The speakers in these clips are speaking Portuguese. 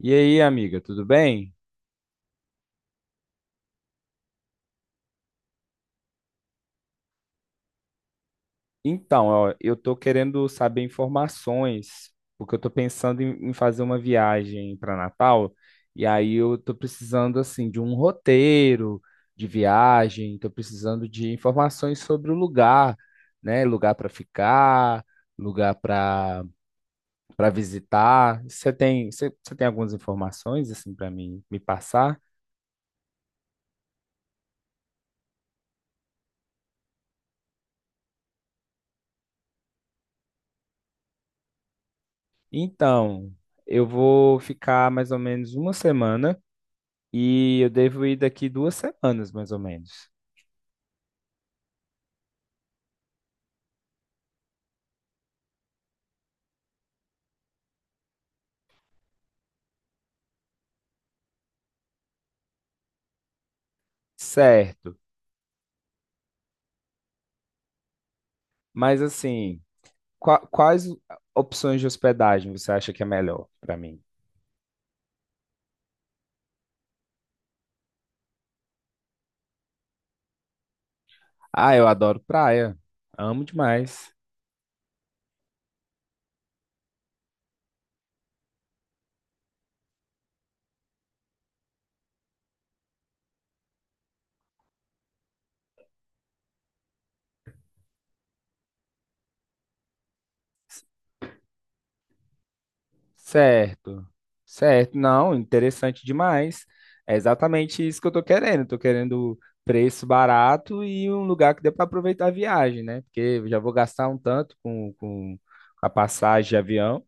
E aí, amiga, tudo bem? Então, ó, eu tô querendo saber informações, porque eu tô pensando em fazer uma viagem para Natal, e aí eu tô precisando assim de um roteiro de viagem, tô precisando de informações sobre o lugar, né? Lugar para ficar, lugar para visitar. Você tem, você tem algumas informações assim para mim me passar? Então, eu vou ficar mais ou menos uma semana. E eu devo ir daqui duas semanas, mais ou menos. Certo. Mas assim, quais opções de hospedagem você acha que é melhor para mim? Ah, eu adoro praia. Amo demais. Certo. Certo. Não, interessante demais. É exatamente isso que eu tô querendo. Tô querendo preço barato e um lugar que dê para aproveitar a viagem, né? Porque eu já vou gastar um tanto com a passagem de avião.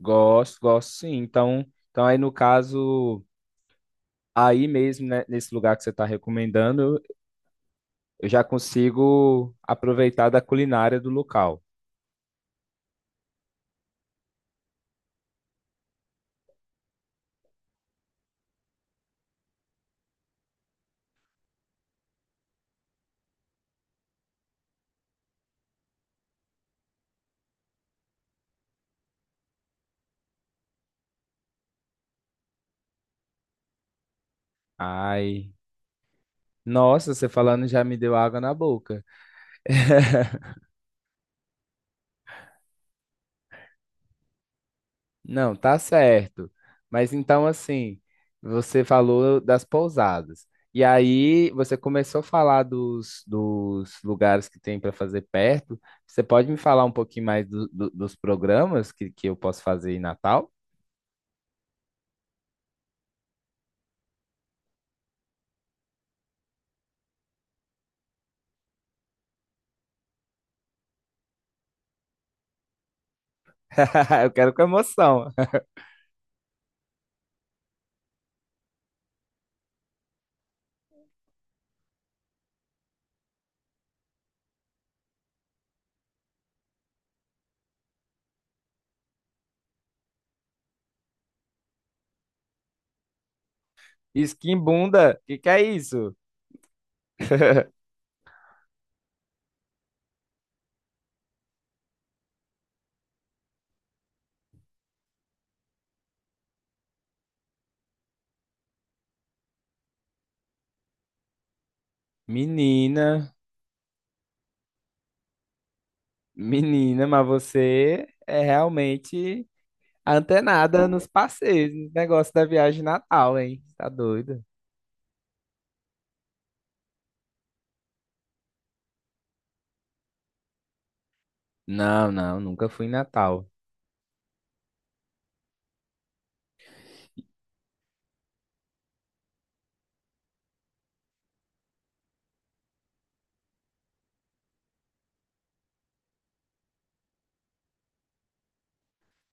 Gosto, gosto sim. Então, então aí no caso. Aí mesmo, né, nesse lugar que você está recomendando, eu já consigo aproveitar da culinária do local. Ai, nossa, você falando já me deu água na boca. Não, tá certo. Mas então, assim, você falou das pousadas. E aí você começou a falar dos lugares que tem para fazer perto. Você pode me falar um pouquinho mais dos programas que eu posso fazer em Natal? Eu quero com emoção. Esquimbunda, o que que é isso? Menina, menina, mas você é realmente antenada nos passeios, no negócio da viagem de Natal, hein? Tá doida? Não, não, nunca fui em Natal.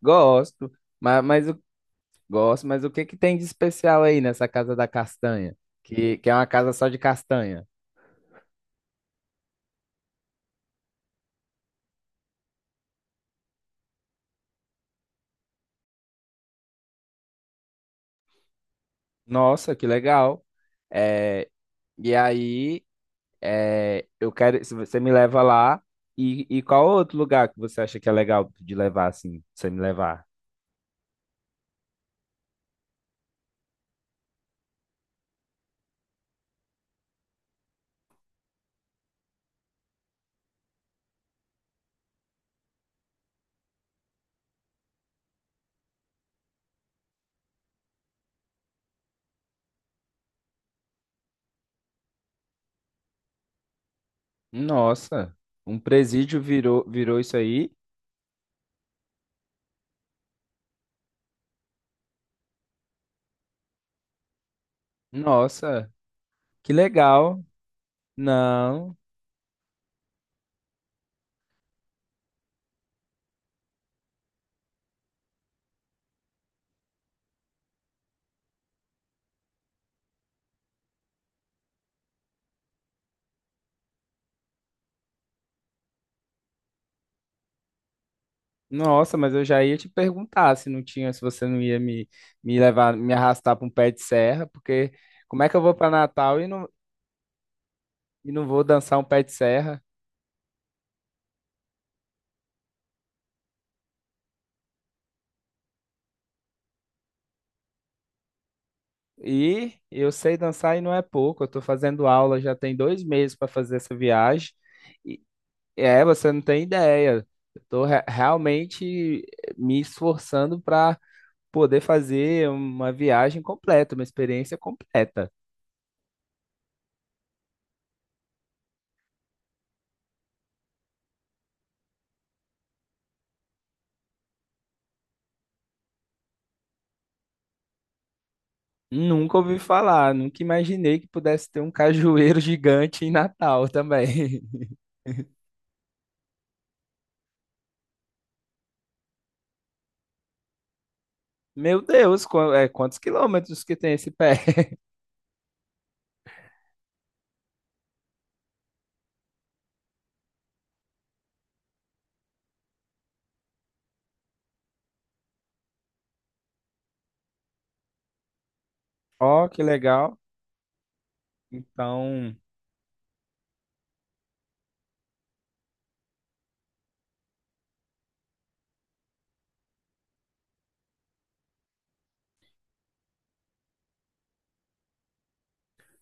Gosto, mas, gosto, mas o que que tem de especial aí nessa Casa da Castanha? Que é uma casa só de castanha. Nossa, que legal. É, e aí, é, eu quero, se você me leva lá, e qual outro lugar que você acha que é legal de levar assim, pra você me levar? Nossa, um presídio virou, virou isso aí? Nossa, que legal. Não, nossa, mas eu já ia te perguntar se não tinha, se você não ia me levar, me arrastar para um pé de serra, porque como é que eu vou para Natal e e não vou dançar um pé de serra? E eu sei dançar e não é pouco, eu estou fazendo aula já tem dois meses para fazer essa viagem. E, é, você não tem ideia. Eu estou realmente me esforçando para poder fazer uma viagem completa, uma experiência completa. Nunca ouvi falar, nunca imaginei que pudesse ter um cajueiro gigante em Natal também. Meu Deus, quantos quilômetros que tem esse pé? Ó, que legal. Então,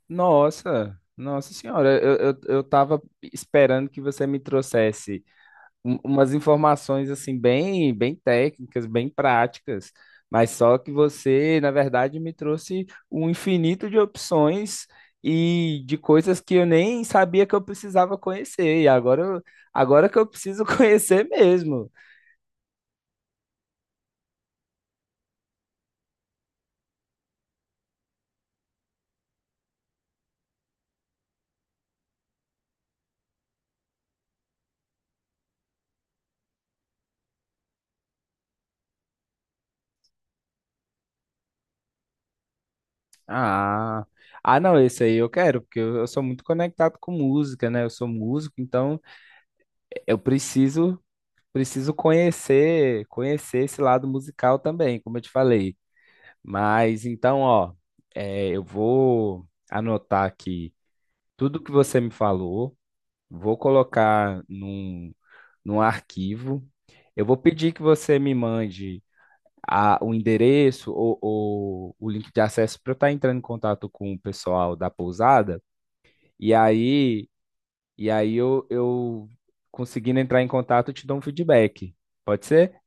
nossa, nossa senhora, eu tava esperando que você me trouxesse umas informações assim bem, bem técnicas, bem práticas, mas só que você, na verdade, me trouxe um infinito de opções e de coisas que eu nem sabia que eu precisava conhecer. E agora, agora que eu preciso conhecer mesmo. Ah, ah, não, esse aí eu quero, porque eu sou muito conectado com música, né? Eu sou músico, então eu preciso preciso conhecer, conhecer esse lado musical também, como eu te falei. Mas então, ó, é, eu vou anotar aqui tudo que você me falou, vou colocar num arquivo. Eu vou pedir que você me mande o endereço ou o link de acesso para eu estar entrando em contato com o pessoal da pousada. E aí, e aí eu conseguindo entrar em contato, eu te dou um feedback. Pode ser?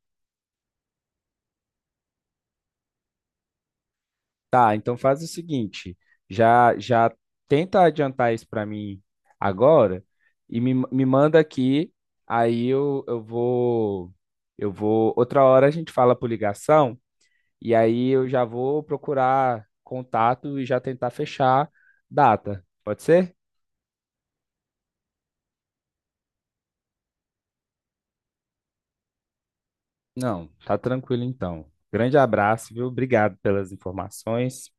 Tá, então faz o seguinte, já já tenta adiantar isso para mim agora e me manda aqui, aí eu vou outra hora a gente fala por ligação e aí eu já vou procurar contato e já tentar fechar data. Pode ser? Não, tá tranquilo então. Grande abraço, viu? Obrigado pelas informações.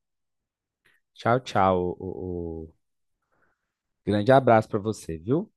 Tchau, tchau. Grande abraço para você, viu?